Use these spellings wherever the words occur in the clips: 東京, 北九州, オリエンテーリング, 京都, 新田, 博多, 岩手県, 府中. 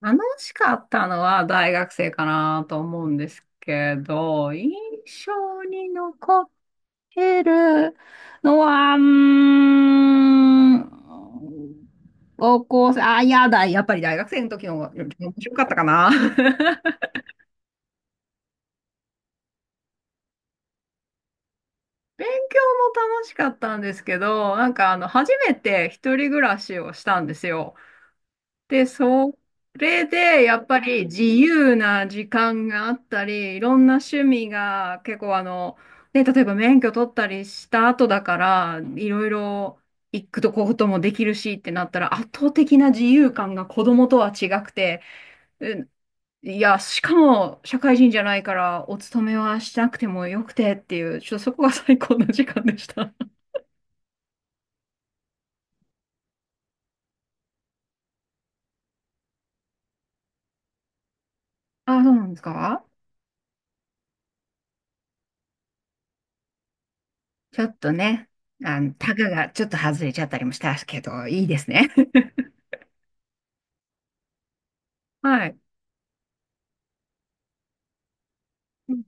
楽しかったのは大学生かなと思うんですけど、印象に残ってるのは、うーん、高校生、あ、いやだ、やっぱり大学生の時の方が面白かったかな。勉強も楽しかったんですけど、なんか初めて一人暮らしをしたんですよ。で、それで、やっぱり自由な時間があったり、いろんな趣味が結構ね、例えば免許取ったりした後だから、いろいろ行くとここともできるしってなったら、圧倒的な自由感が子供とは違くて、うん。いや、しかも社会人じゃないから、お勤めはしなくてもよくてっていう、ちょっとそこが最高の時間でした。あ、そうなんですか。ちょっとね、タガがちょっと外れちゃったりもしたけど、いいですね。はい。うんう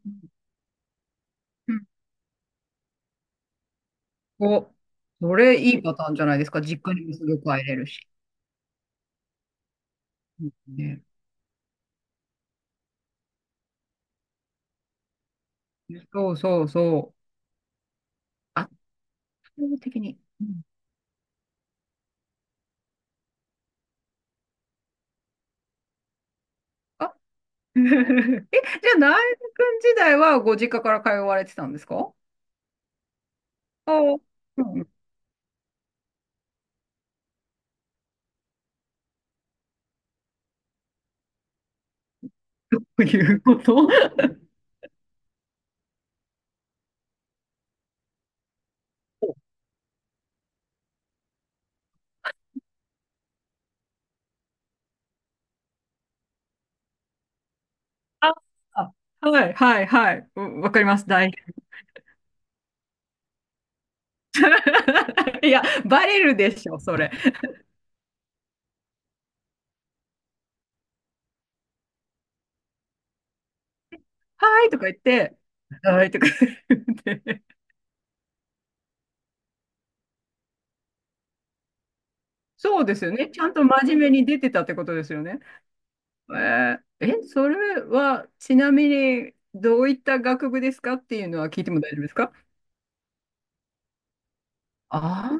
ん。うん。お、それいいパターンじゃないですか。実家にもすぐ帰れるし。うん。ね、そうそうそう。圧倒的に。うん。あ。 え、じゃあ、ナイル君時代はご実家から通われてたんですか？ああ、うん。どういうこと？ あ、あはいはいはい。うわかります。いや、バレるでしょ、それ。はいとか言って、はいとか言って。そうですよね。ちゃんと真面目に出てたってことですよね。えーえ、それはちなみにどういった学部ですかっていうのは聞いても大丈夫ですか？あ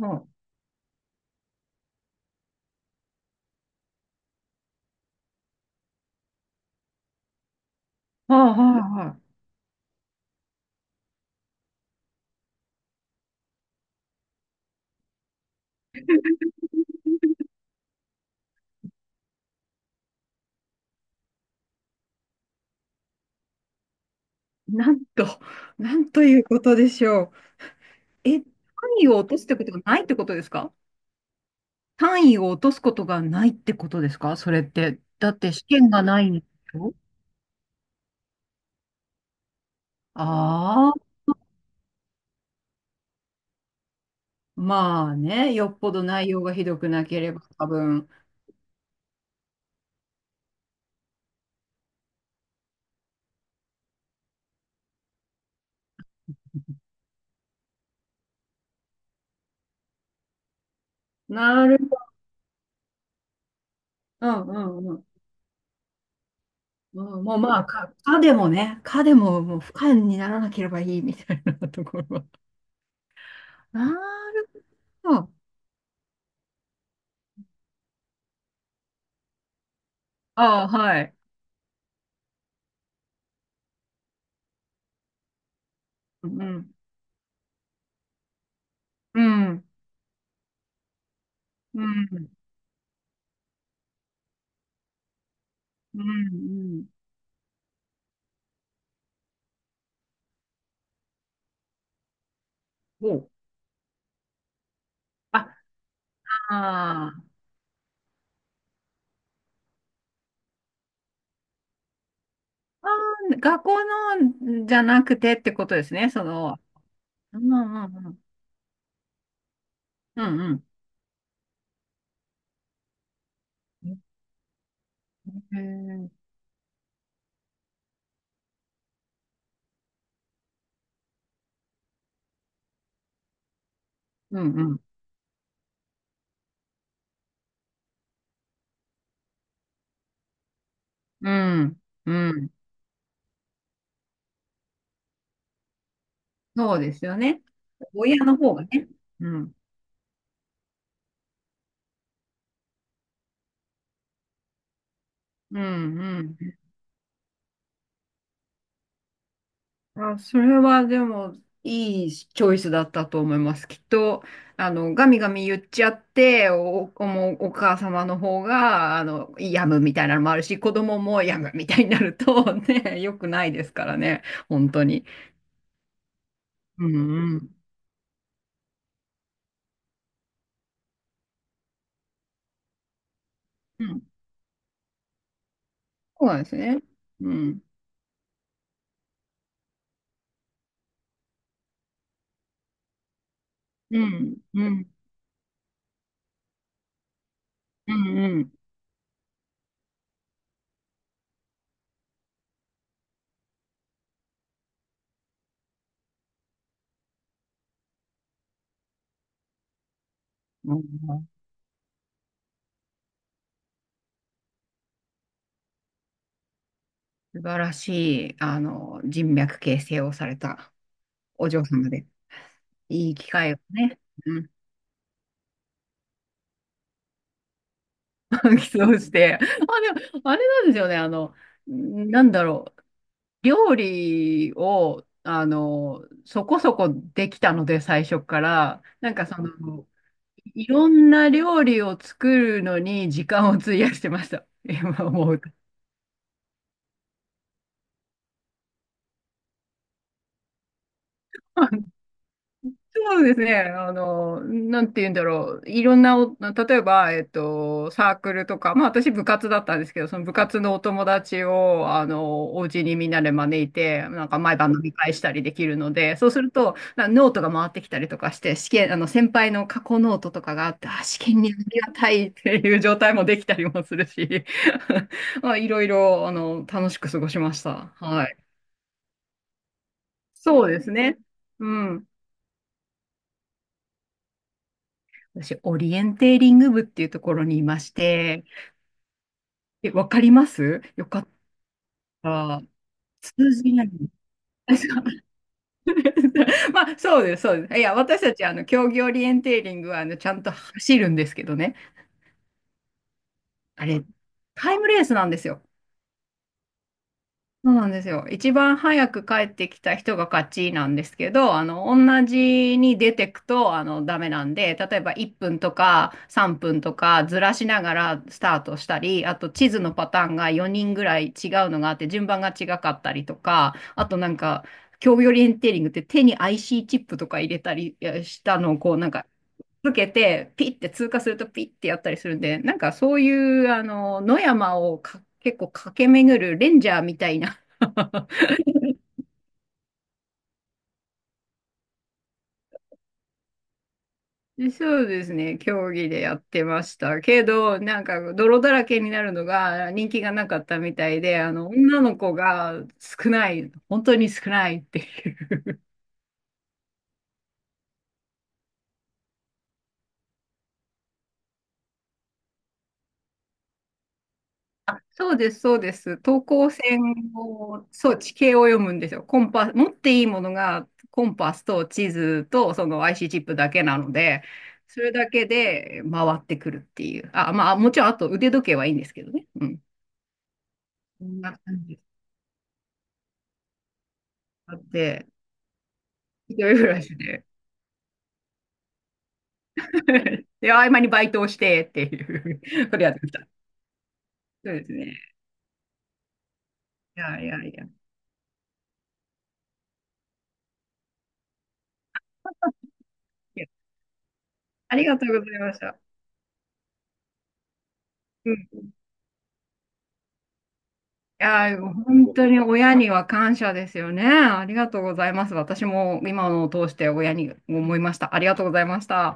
あ、はあ、はあ、はあ。なんと、なんということでしょう。え、単位を落とすってことがないってことですか？単位を落とすことがないってことですかそれって。だって試験がないんでしょ？ああ、まあね、よっぽど内容がひどくなければ多分。なるほど。うんうんうん。もうまあ、でもね、かでももう不可にならなければいいみたいなところは。なるほど。ああ、はい。うん、うん、うん、うん、うん。おうあ、あーあー、学校のじゃなくてってことですね、その。うん、うん、うん、うん、うん。へー。うん、うん、うん、うん。そうですよね。親の方がね。うん、うん、うん、あ、それはでも、いいチョイスだったと思います。きっと、ガミガミ言っちゃって、もうお母様の方が、病むみたいなのもあるし、子供も病むみたいになると、ね、良くないですからね、本当に。うん、うん。うん。そうなんですね。うん。うん、うん、うん、うん。うん。素晴らしい、人脈形成をされたお嬢様で、いい機会をね。うん。 起動して。あ、でも、あれなんですよね。なんだろう。料理を、そこそこできたので、最初から。なんかその、いろんな料理を作るのに時間を費やしてました。今思うと。そうですね。なんて言うんだろう。いろんなお、例えば、サークルとか、まあ私部活だったんですけど、その部活のお友達を、お家にみんなで招いて、なんか毎晩飲み会したりできるので、そうすると、なノートが回ってきたりとかして、試験、先輩の過去ノートとかがあって、あ、試験にありがたいっていう状態もできたりもするし、まあいろいろ、楽しく過ごしました。はい。そうですね。うん。私、オリエンテーリング部っていうところにいまして、え、わかりますよかった。通じない。あそう。 まあ、そうです、そうです。いや、私たち、競技オリエンテーリングは、ちゃんと走るんですけどね。あれ、タイムレースなんですよ。そうなんですよ。一番早く帰ってきた人が勝ちなんですけど、同じに出てくと、ダメなんで、例えば1分とか3分とかずらしながらスタートしたり、あと地図のパターンが4人ぐらい違うのがあって、順番が違かったりとか、あとなんか、競技オリエンテーリングって手に IC チップとか入れたりいやしたのをこうなんかつけて、ピッて通過するとピッてやったりするんで、なんかそういう、野山をか結構駆け巡るレンジャーみたいな。 そうですね、競技でやってましたけど、なんか泥だらけになるのが人気がなかったみたいで、女の子が少ない、本当に少ないっていう。そうです、そうです。等高線を、そう、地形を読むんですよ。コンパス、持っていいものがコンパスと地図とその IC チップだけなので、それだけで回ってくるっていう。あ、まあ、もちろん、あと腕時計はいいんですけどね。うん。こんな感じであって、一人暮らしで。で、合間にバイトをしてっていう、これやってました。そうですね。いやいやいや。いや、ありがとうございました。うん。いやー、本当に親には感謝ですよね。ありがとうございます。私も今のを通して親に思いました。ありがとうございました。